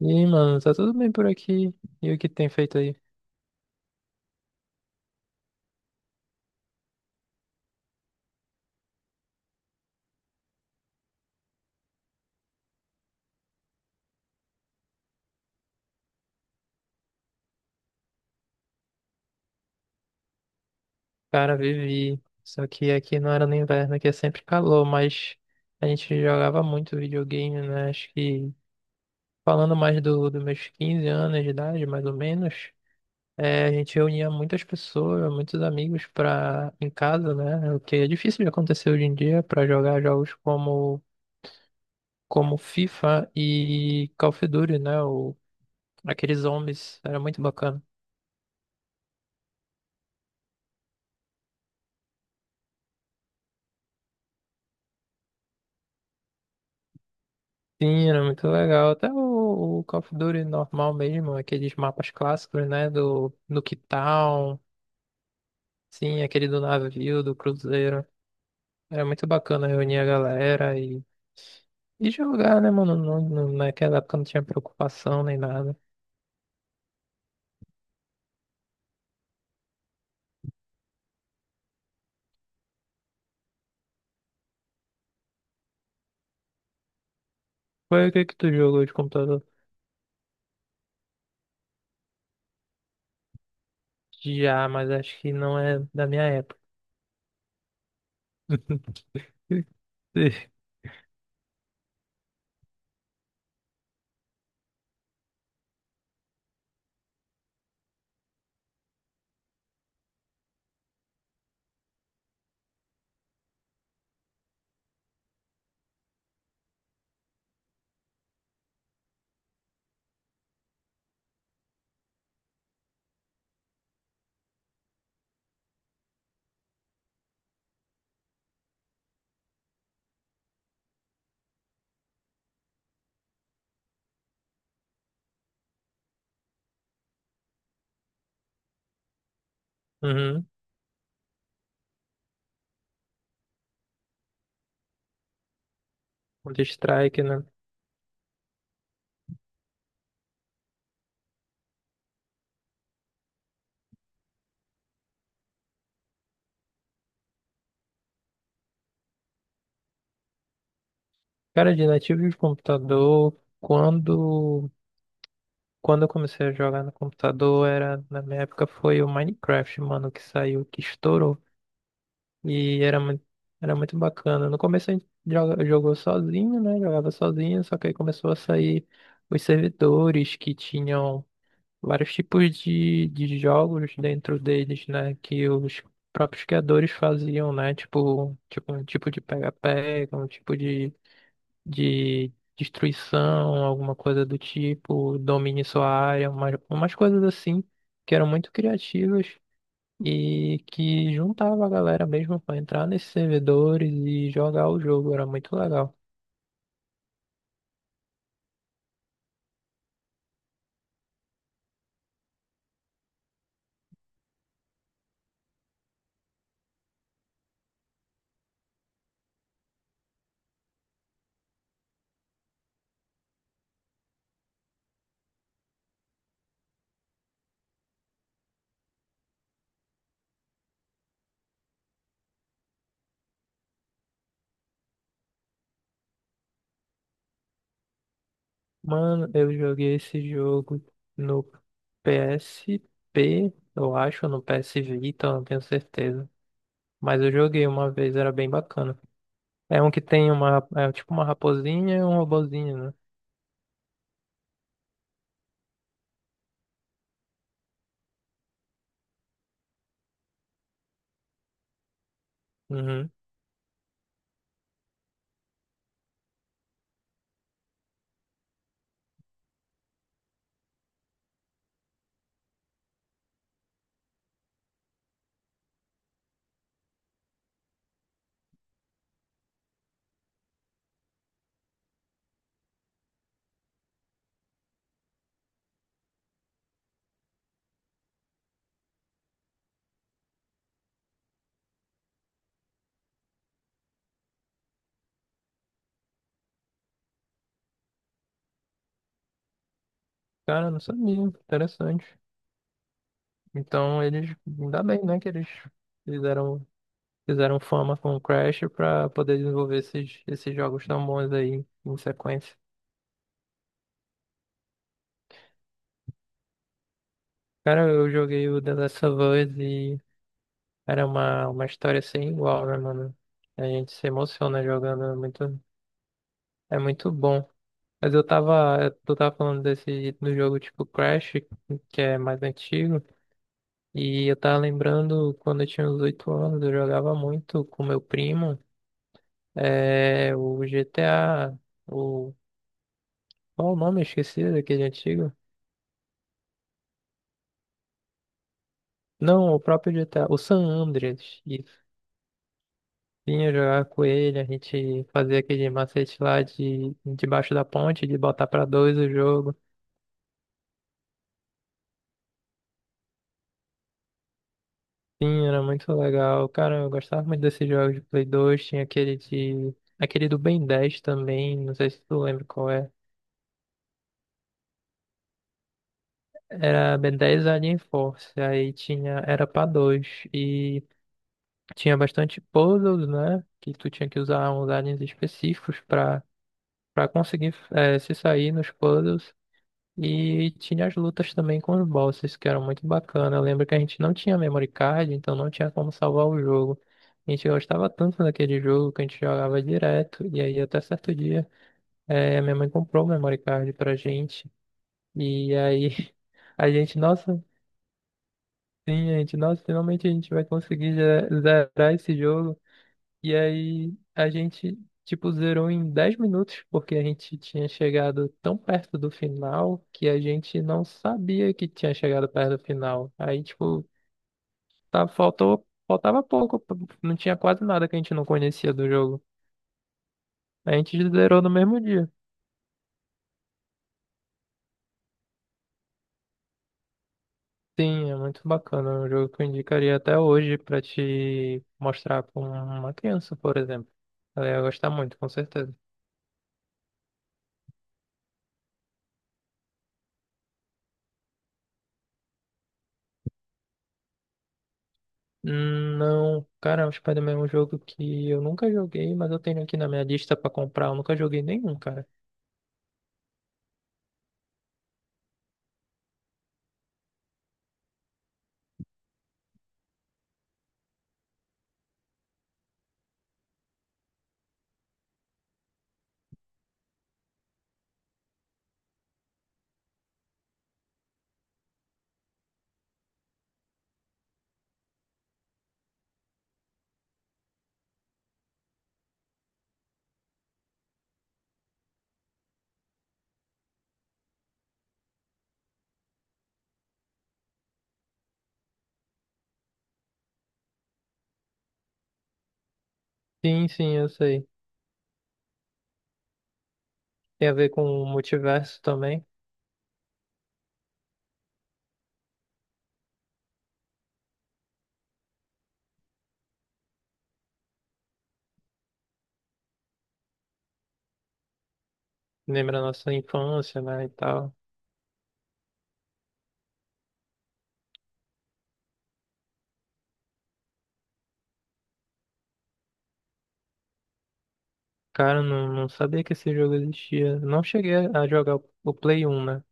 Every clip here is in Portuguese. E aí, mano, tá tudo bem por aqui? E o que tem feito aí? Cara, vivi. Só que aqui não era no inverno, aqui é sempre calor, mas a gente jogava muito videogame, né? Acho que falando mais dos meus 15 anos de idade, mais ou menos, a gente reunia muitas pessoas, muitos amigos pra, em casa, né? O que é difícil de acontecer hoje em dia pra jogar jogos como FIFA e Call of Duty, né? O, aqueles zombies, era muito bacana. Sim, era muito legal. Até o Call of Duty normal mesmo, aqueles mapas clássicos, né? Do Quitão, sim, aquele do navio, do cruzeiro. Era muito bacana reunir a galera e jogar, né, mano? Naquela época não tinha preocupação nem nada. Foi o que que tu jogou de computador? Já, mas acho que não é da minha época. Uhum. Counter-Strike, né? Cara, de nativo de computador, Quando eu comecei a jogar no computador, na minha época foi o Minecraft, mano, que saiu, que estourou. E era muito, era muito bacana. No começo a gente jogou sozinho, né? Jogava sozinho, só que aí começou a sair os servidores que tinham vários tipos de jogos dentro deles, né? Que os próprios criadores faziam, né? Tipo um tipo de pega-pega, um tipo de destruição, alguma coisa do tipo, domine sua área, umas coisas assim que eram muito criativas e que juntava a galera mesmo pra entrar nesses servidores e jogar o jogo, era muito legal. Mano, eu joguei esse jogo no PSP, eu acho, ou no PS Vita, eu não tenho certeza. Mas eu joguei uma vez, era bem bacana. É um que tem uma, é tipo uma raposinha e um robozinho, né? Uhum. Cara, eu não sabia. Interessante. Então eles, ainda bem, né, que eles fizeram, fizeram fama com o Crash pra poder desenvolver esses jogos tão bons aí em sequência. Cara, eu joguei o The Last of Us e era uma história sem igual, né, mano? A gente se emociona jogando, é muito bom. Mas eu tu tava falando desse, do jogo tipo Crash, que é mais antigo, e eu tava lembrando quando eu tinha uns 8 anos, eu jogava muito com meu primo. É o GTA. O... Qual o nome? Esqueci daquele antigo. Não, o próprio GTA. O San Andreas. Isso. Vinha jogar com ele, a gente fazia aquele macete lá de debaixo da ponte, de botar pra dois o jogo. Sim, era muito legal. Cara, eu gostava muito desses jogos de Play 2. Tinha aquele de. Aquele do Ben 10 também, não sei se tu lembra qual é. Era Ben 10 Alien Force, aí tinha, era pra dois. E tinha bastante puzzles, né? Que tu tinha que usar uns aliens específicos para conseguir se sair nos puzzles. E tinha as lutas também com os bosses, que eram muito bacana. Eu lembro que a gente não tinha memory card, então não tinha como salvar o jogo. A gente gostava tanto daquele jogo que a gente jogava direto. E aí, até certo dia, minha mãe comprou o memory card pra gente. E aí, a gente, nossa, sim, a gente, nossa, finalmente a gente vai conseguir zerar esse jogo. E aí a gente, tipo, zerou em 10 minutos, porque a gente tinha chegado tão perto do final que a gente não sabia que tinha chegado perto do final. Aí, tipo, faltava pouco, não tinha quase nada que a gente não conhecia do jogo. A gente zerou no mesmo dia. Sim, é muito bacana. É um jogo que eu indicaria até hoje pra te mostrar pra uma criança, por exemplo. Ela ia gostar muito, com certeza. Não, cara, o Spider-Man é um jogo que eu nunca joguei, mas eu tenho aqui na minha lista pra comprar. Eu nunca joguei nenhum, cara. Sim, sim, eu sei. Tem a ver com o multiverso também. Lembra a nossa infância, né, e tal. Cara, eu não sabia que esse jogo existia. Não cheguei a jogar o Play 1, né?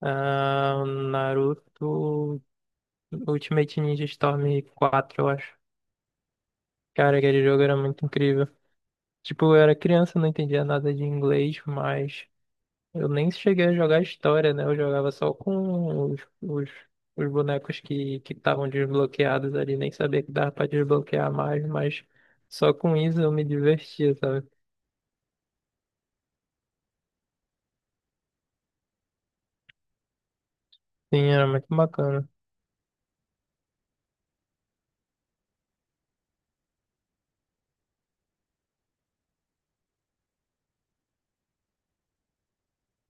Ah, o Naruto Ultimate Ninja Storm 4 eu acho. Cara, aquele jogo era muito incrível. Tipo, eu era criança, não entendia nada de inglês, mas eu nem cheguei a jogar história, né? Eu jogava só com os bonecos que estavam desbloqueados ali. Nem sabia que dava pra desbloquear mais, mas só com isso eu me divertia, sabe? Sim, era muito bacana.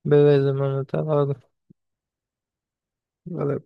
Beleza, mano. Até logo. Valeu.